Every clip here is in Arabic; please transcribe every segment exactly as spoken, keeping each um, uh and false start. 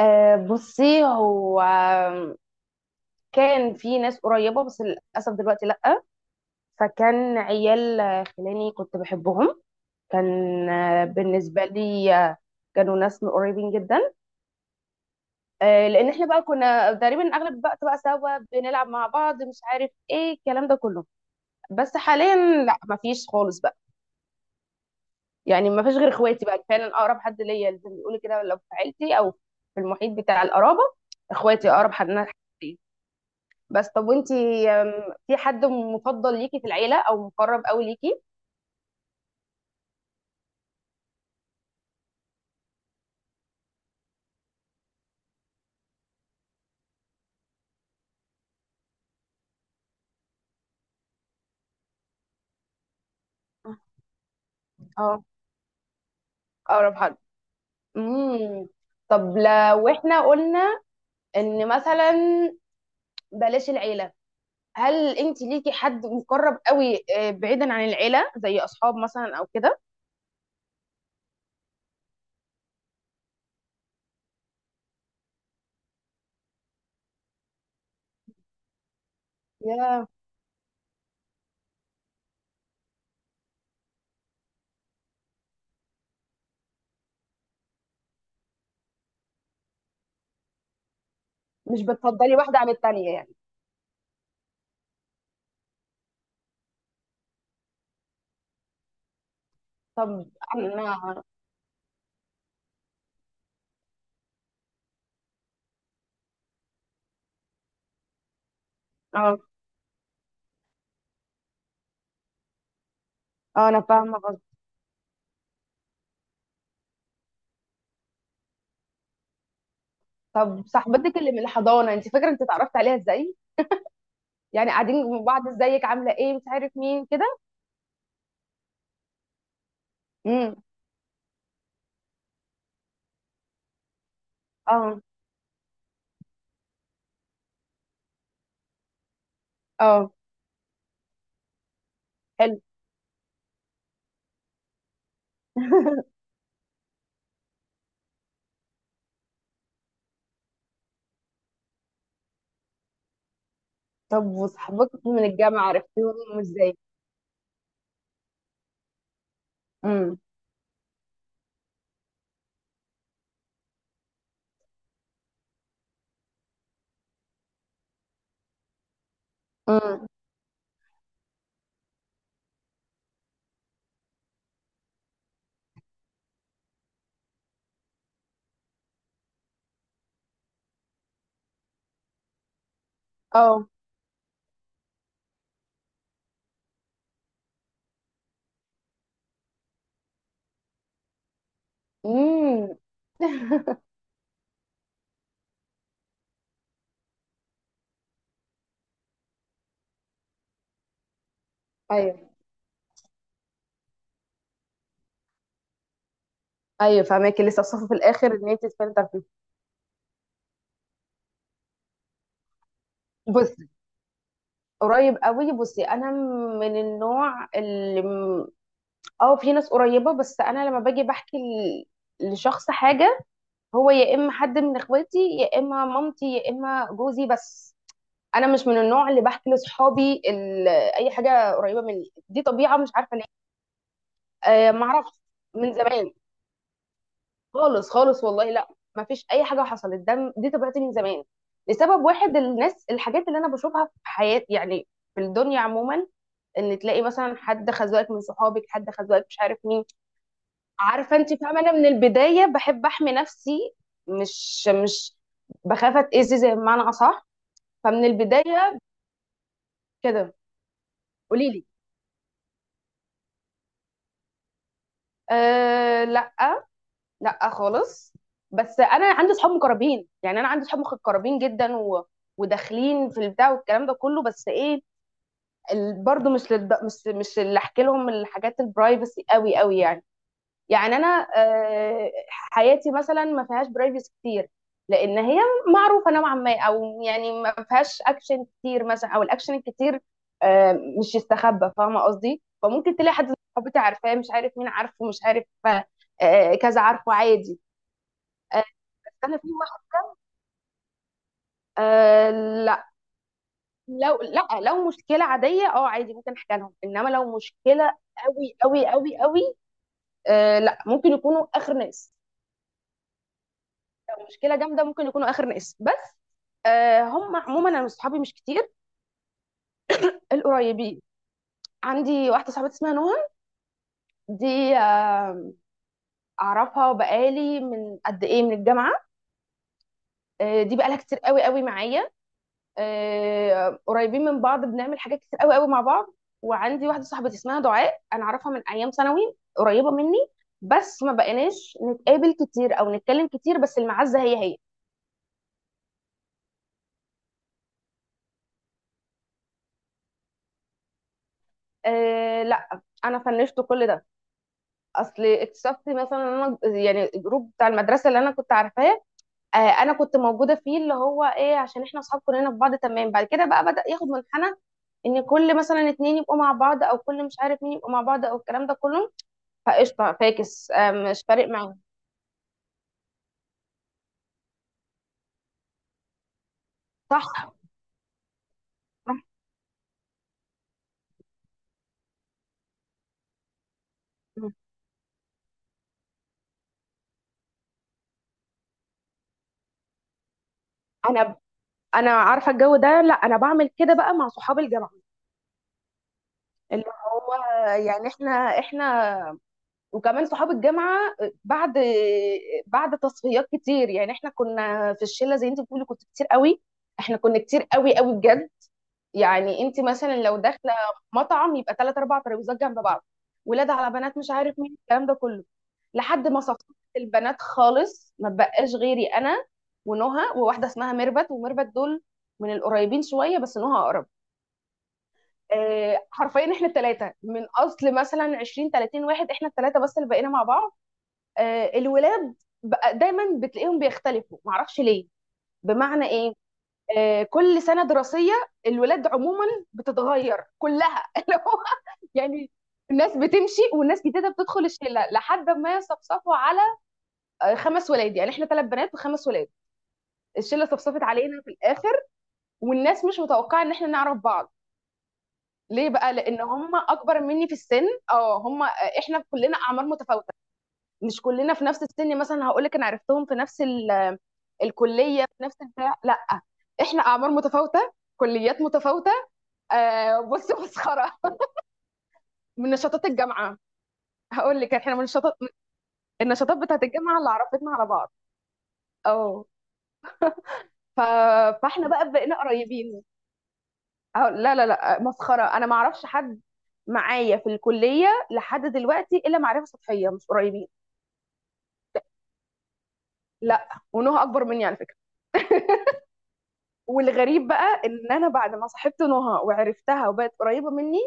آه بصي هو كان في ناس قريبة، بس للأسف دلوقتي لأ. فكان عيال آه، خلاني كنت بحبهم كان. آه، بالنسبة لي، آه، كانوا ناس قريبين جدا. آه، لأن احنا بقى كنا تقريبا أغلب الوقت بقى سوا بنلعب مع بعض، مش عارف ايه الكلام ده كله. بس حاليا لأ، مفيش خالص بقى. يعني مفيش غير اخواتي بقى فعلا أقرب حد ليا، زي ما بيقولوا كده، لو في عيلتي أو في المحيط بتاع القرابة. اخواتي أقرب حد ليا. بس طب وانتي؟ أم، في حد مفضل ليكي في العيلة او مقرب قوي ليكي؟ اه، اقرب حد. امم. طب لو احنا قلنا ان مثلا بلاش العيلة، هل انتي ليكي حد مقرب قوي، آه، بعيدا عن العيلة، زي اصحاب مثلا او كده؟ يا، مش بتفضلي واحدة عن التانية يعني. طب انا. اه. اه، انا فاهمة قصدك. طب صاحبتك اللي من الحضانة، انتي فاكرة انت اتعرفت عليها ازاي؟ يعني قاعدين مع بعض، ازيك، عاملة ايه، مش عارف مين كده. امم. اه. اه. حلو. طب وصحابك من الجامعة عرفتيهم ازاي؟ امم. امم. اه. امم. ايوه. ايوه فاهماكي. لسه وصفه في الاخر ان انت تفلتر فيه. بصي، قريب قوي، بصي انا من النوع اللي م- اه في ناس قريبه، بس انا لما باجي بحكي ل- لشخص حاجه، هو يا اما حد من اخواتي يا اما مامتي يا اما جوزي. بس انا مش من النوع اللي بحكي لاصحابي ال- اي حاجه قريبه مني. دي طبيعه، مش عارفه. آه ما اعرفش، من زمان. خالص خالص والله، لا ما فيش اي حاجه حصلت، ده دي طبيعتي من زمان. لسبب واحد، الناس، الحاجات اللي انا بشوفها في حياتي، يعني في الدنيا عموما، ان تلاقي مثلا حد خزوقك من صحابك، حد خزوقك، مش عارف مين. عارفه انت فاهمه، انا من البدايه بحب احمي نفسي. مش مش بخاف اتاذي زي بمعنى اصح. فمن البدايه كده. قولي لي. أه لا، لا خالص. بس انا عندي صحاب مقربين، يعني انا عندي صحاب مقربين جدا و... وداخلين في البتاع والكلام ده كله، بس ايه، ال... برضو مش للد... مش مش اللي احكي لهم الحاجات البرايفسي قوي قوي يعني. يعني انا آه، حياتي مثلا ما فيهاش برايفسي كتير، لان هي معروفه نوعا ما، او يعني ما فيهاش اكشن كتير مثلا، او الاكشن الكتير آه، مش يستخبى، فاهمه قصدي. فممكن تلاقي حد من صحابتي عارفاه، مش عارف مين عارفه، مش عارف آه، كذا، عارفه، عادي. آه، بس انا في واحد. آه لا. لو لا لو مشكله عاديه اه عادي ممكن احكي لهم، انما لو مشكله قوي قوي قوي قوي، آه لا ممكن يكونوا اخر ناس. لو مشكله جامده ممكن يكونوا اخر ناس. بس آه هم عموما انا صحابي مش كتير، القريبين. عندي واحده صاحبتي اسمها نهى، دي آه اعرفها بقالي من قد ايه، من الجامعه. آه دي بقالها كتير قوي قوي معايا. آه، قريبين من بعض، بنعمل حاجات كتير قوي قوي مع بعض. وعندي واحده صاحبتي اسمها دعاء، انا اعرفها من ايام ثانوي، قريبه مني، بس ما بقيناش نتقابل كتير او نتكلم كتير، بس المعزه هي هي. أه لا، انا فنشت كل ده. اصل اكتشفت مثلا إن انا يعني الجروب بتاع المدرسه اللي انا كنت عارفاه، أه انا كنت موجوده فيه، اللي هو ايه عشان احنا اصحاب كلنا في بعض تمام، بعد كده بقى بدأ ياخد منحنى ان كل مثلا اتنين يبقوا مع بعض، او كل مش عارف مين يبقوا مع بعض، او الكلام ده كله. فقشطة فاكس، آه، مش فارق معايا. صح. صح. مم. انا. انا عارفة الجو ده، لا انا بعمل كده بقى مع صحاب الجامعة، اللي هو يعني احنا، احنا وكمان صحاب الجامعة بعد، بعد تصفيات كتير. يعني احنا كنا في الشلة زي انت بتقولي، كنت كتير قوي. احنا كنا كتير قوي قوي بجد، يعني انت مثلا لو داخلة مطعم يبقى ثلاث اربع ترابيزات جنب بعض، ولاد على بنات مش عارف مين الكلام ده كله. لحد ما صفصفت البنات خالص، ما بقاش غيري انا ونهى وواحده اسمها ميربت، وميربت دول من القريبين شويه بس نهى اقرب. آه، حرفيا احنا الثلاثه من اصل مثلا عشرين تلاتين واحد، احنا الثلاثه بس اللي بقينا مع بعض. آه، الولاد بقى دايما بتلاقيهم بيختلفوا، معرفش ليه. بمعنى ايه، آه، كل سنه دراسيه الولاد عموما بتتغير كلها. اللي هو يعني الناس بتمشي والناس جديده بتدخل الشله لحد ما يصفصفوا على آه، خمس ولاد. يعني احنا ثلاث بنات وخمس ولاد، الشله صفصفت علينا في الاخر. والناس مش متوقعه ان احنا نعرف بعض. ليه بقى؟ لان هم اكبر مني في السن. اه هم آه، احنا كلنا اعمار متفاوته، مش كلنا في نفس السن. مثلا هقول لك، انا عرفتهم في نفس ال- الكليه، في نفس البتاع؟ لا، احنا اعمار متفاوته، كليات متفاوته. آه بص مسخره. من نشاطات الجامعه. هقول لك احنا من النشاطات، النشاطات بتاعت الجامعه اللي عرفتنا على بعض. اه ف... فاحنا بقى بقينا قريبين. أه لا لا لا، مسخرة. أنا ما أعرفش حد معايا في الكلية لحد دلوقتي إلا معرفة سطحية، مش قريبين. لا، ونهى أكبر مني على فكرة. والغريب بقى إن أنا بعد ما صاحبت نهى وعرفتها وبقت قريبة مني،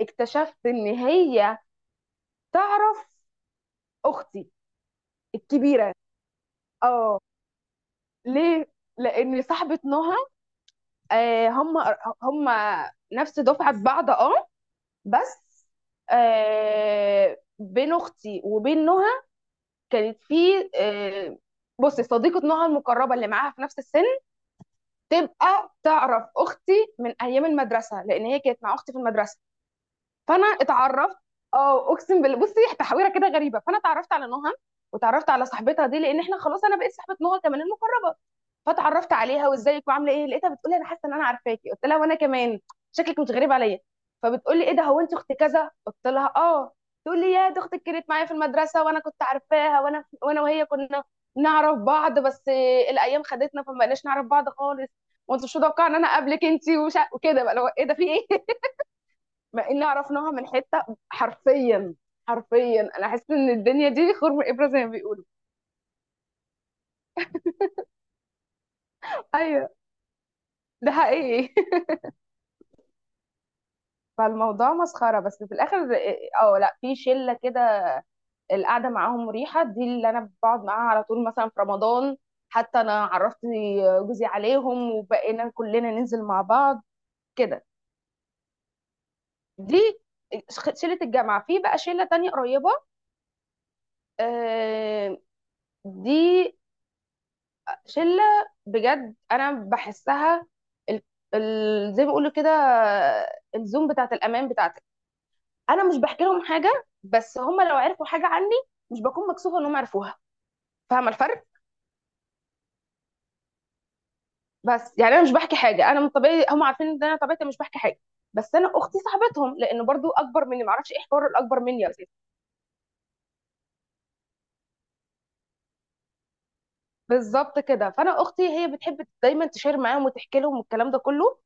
اكتشفت إن هي تعرف أختي الكبيرة. اه. ليه؟ لأن صاحبة نهى آه هم هم نفس دفعة بعض اه. بس آه بين أختي وبين نهى كانت في آه، بصي صديقة نوعها المقربة اللي معاها في نفس السن، تبقى تعرف أختي من أيام المدرسة لأن هي كانت مع أختي في المدرسة. فأنا اتعرفت، أه أقسم بالله بصي، تحويرة كده غريبة. فأنا اتعرفت على نهى وتعرفت على صاحبتها دي لأن إحنا خلاص، أنا بقيت صاحبة نهى كمان المقربة. فتعرفت عليها وازيك وعامله ايه، لقيتها بتقولي انا حاسه ان انا عارفاكي. قلت لها وانا كمان شكلك مش غريب عليا. فبتقولي ايه ده، هو انت اخت كذا؟ قلت لها اه. تقول لي يا دي اختك كانت معايا في المدرسه وانا كنت عارفاها، وانا وانا وهي كنا نعرف بعض، بس الايام خدتنا فما بقناش نعرف بعض خالص. وانت مش متوقعه ان انا اقابلك انت وش... وكده بقى، لو ايه ده في ايه. مع ان عرفناها من حته، حرفيا. حرفيا انا حاسه ان الدنيا دي خرم ابره زي ما بيقولوا. ايوه ده حقيقي. فالموضوع مسخرة بس في الآخر. اه، لا في شلة كده، القعدة معاهم مريحة، دي اللي أنا بقعد معاها على طول مثلا في رمضان. حتى أنا عرفت جوزي عليهم وبقينا كلنا ننزل مع بعض كده. دي شلة الجامعة. في بقى شلة تانية قريبة، آه، دي شلة بجد أنا بحسها ال- ال- زي ما بيقولوا كده الزوم بتاعت الأمان بتاعتي. انا مش بحكي لهم حاجه، بس هم لو عرفوا حاجه عني مش بكون مكسوفه انهم عرفوها، فاهمه الفرق؟ بس يعني انا مش بحكي حاجه، انا من طبيعي هم عارفين ان انا طبيعتي مش بحكي حاجه. بس انا اختي صاحبتهم، لانه برضو اكبر مني معرفش ايه حوار الاكبر مني يا ستي. بالظبط كده، فانا اختي هي بتحب دايما تشير معاهم وتحكي لهم والكلام ده كله،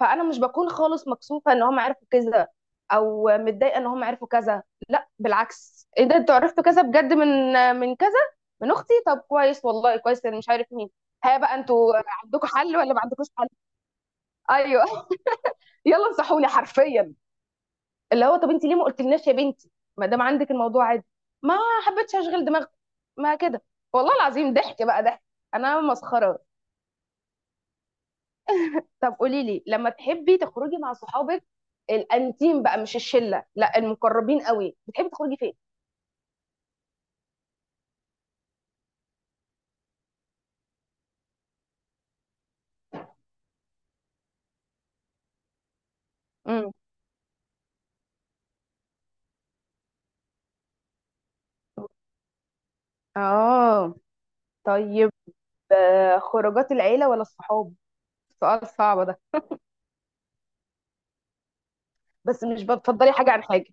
فانا مش بكون خالص مكسوفه ان هم عرفوا كذا، او متضايقه ان هم عرفوا كذا. لا بالعكس، ايه ده انتوا عرفتوا كذا بجد من، من كذا، من اختي؟ طب كويس والله كويس، انا مش عارف مين. ها بقى انتوا عندكم حل ولا ما عندكوش حل؟ ايوه. يلا انصحوني حرفيا، اللي هو طب انت ليه ما قلتلناش يا بنتي، ما دام عندك الموضوع عادي. ما حبيتش اشغل دماغكم. ما كده والله العظيم، ضحك بقى ضحك، انا مسخره. طب قولي لي، لما تحبي تخرجي مع صحابك الانتيم بقى، مش الشله لا المقربين قوي، بتحبي تخرجي فين؟ امم. اه. طيب. آه، خروجات العيله ولا الصحاب؟ سؤال صعب ده. بس مش بتفضلي حاجه عن حاجه؟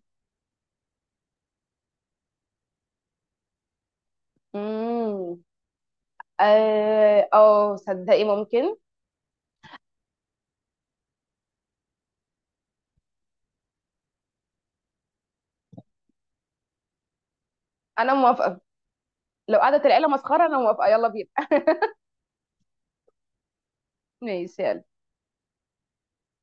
امم. اه آه، صدقي ممكن. انا موافقه. لو قعدت العيله مسخره انا موافقه، يلا بينا. ماشي، يلا.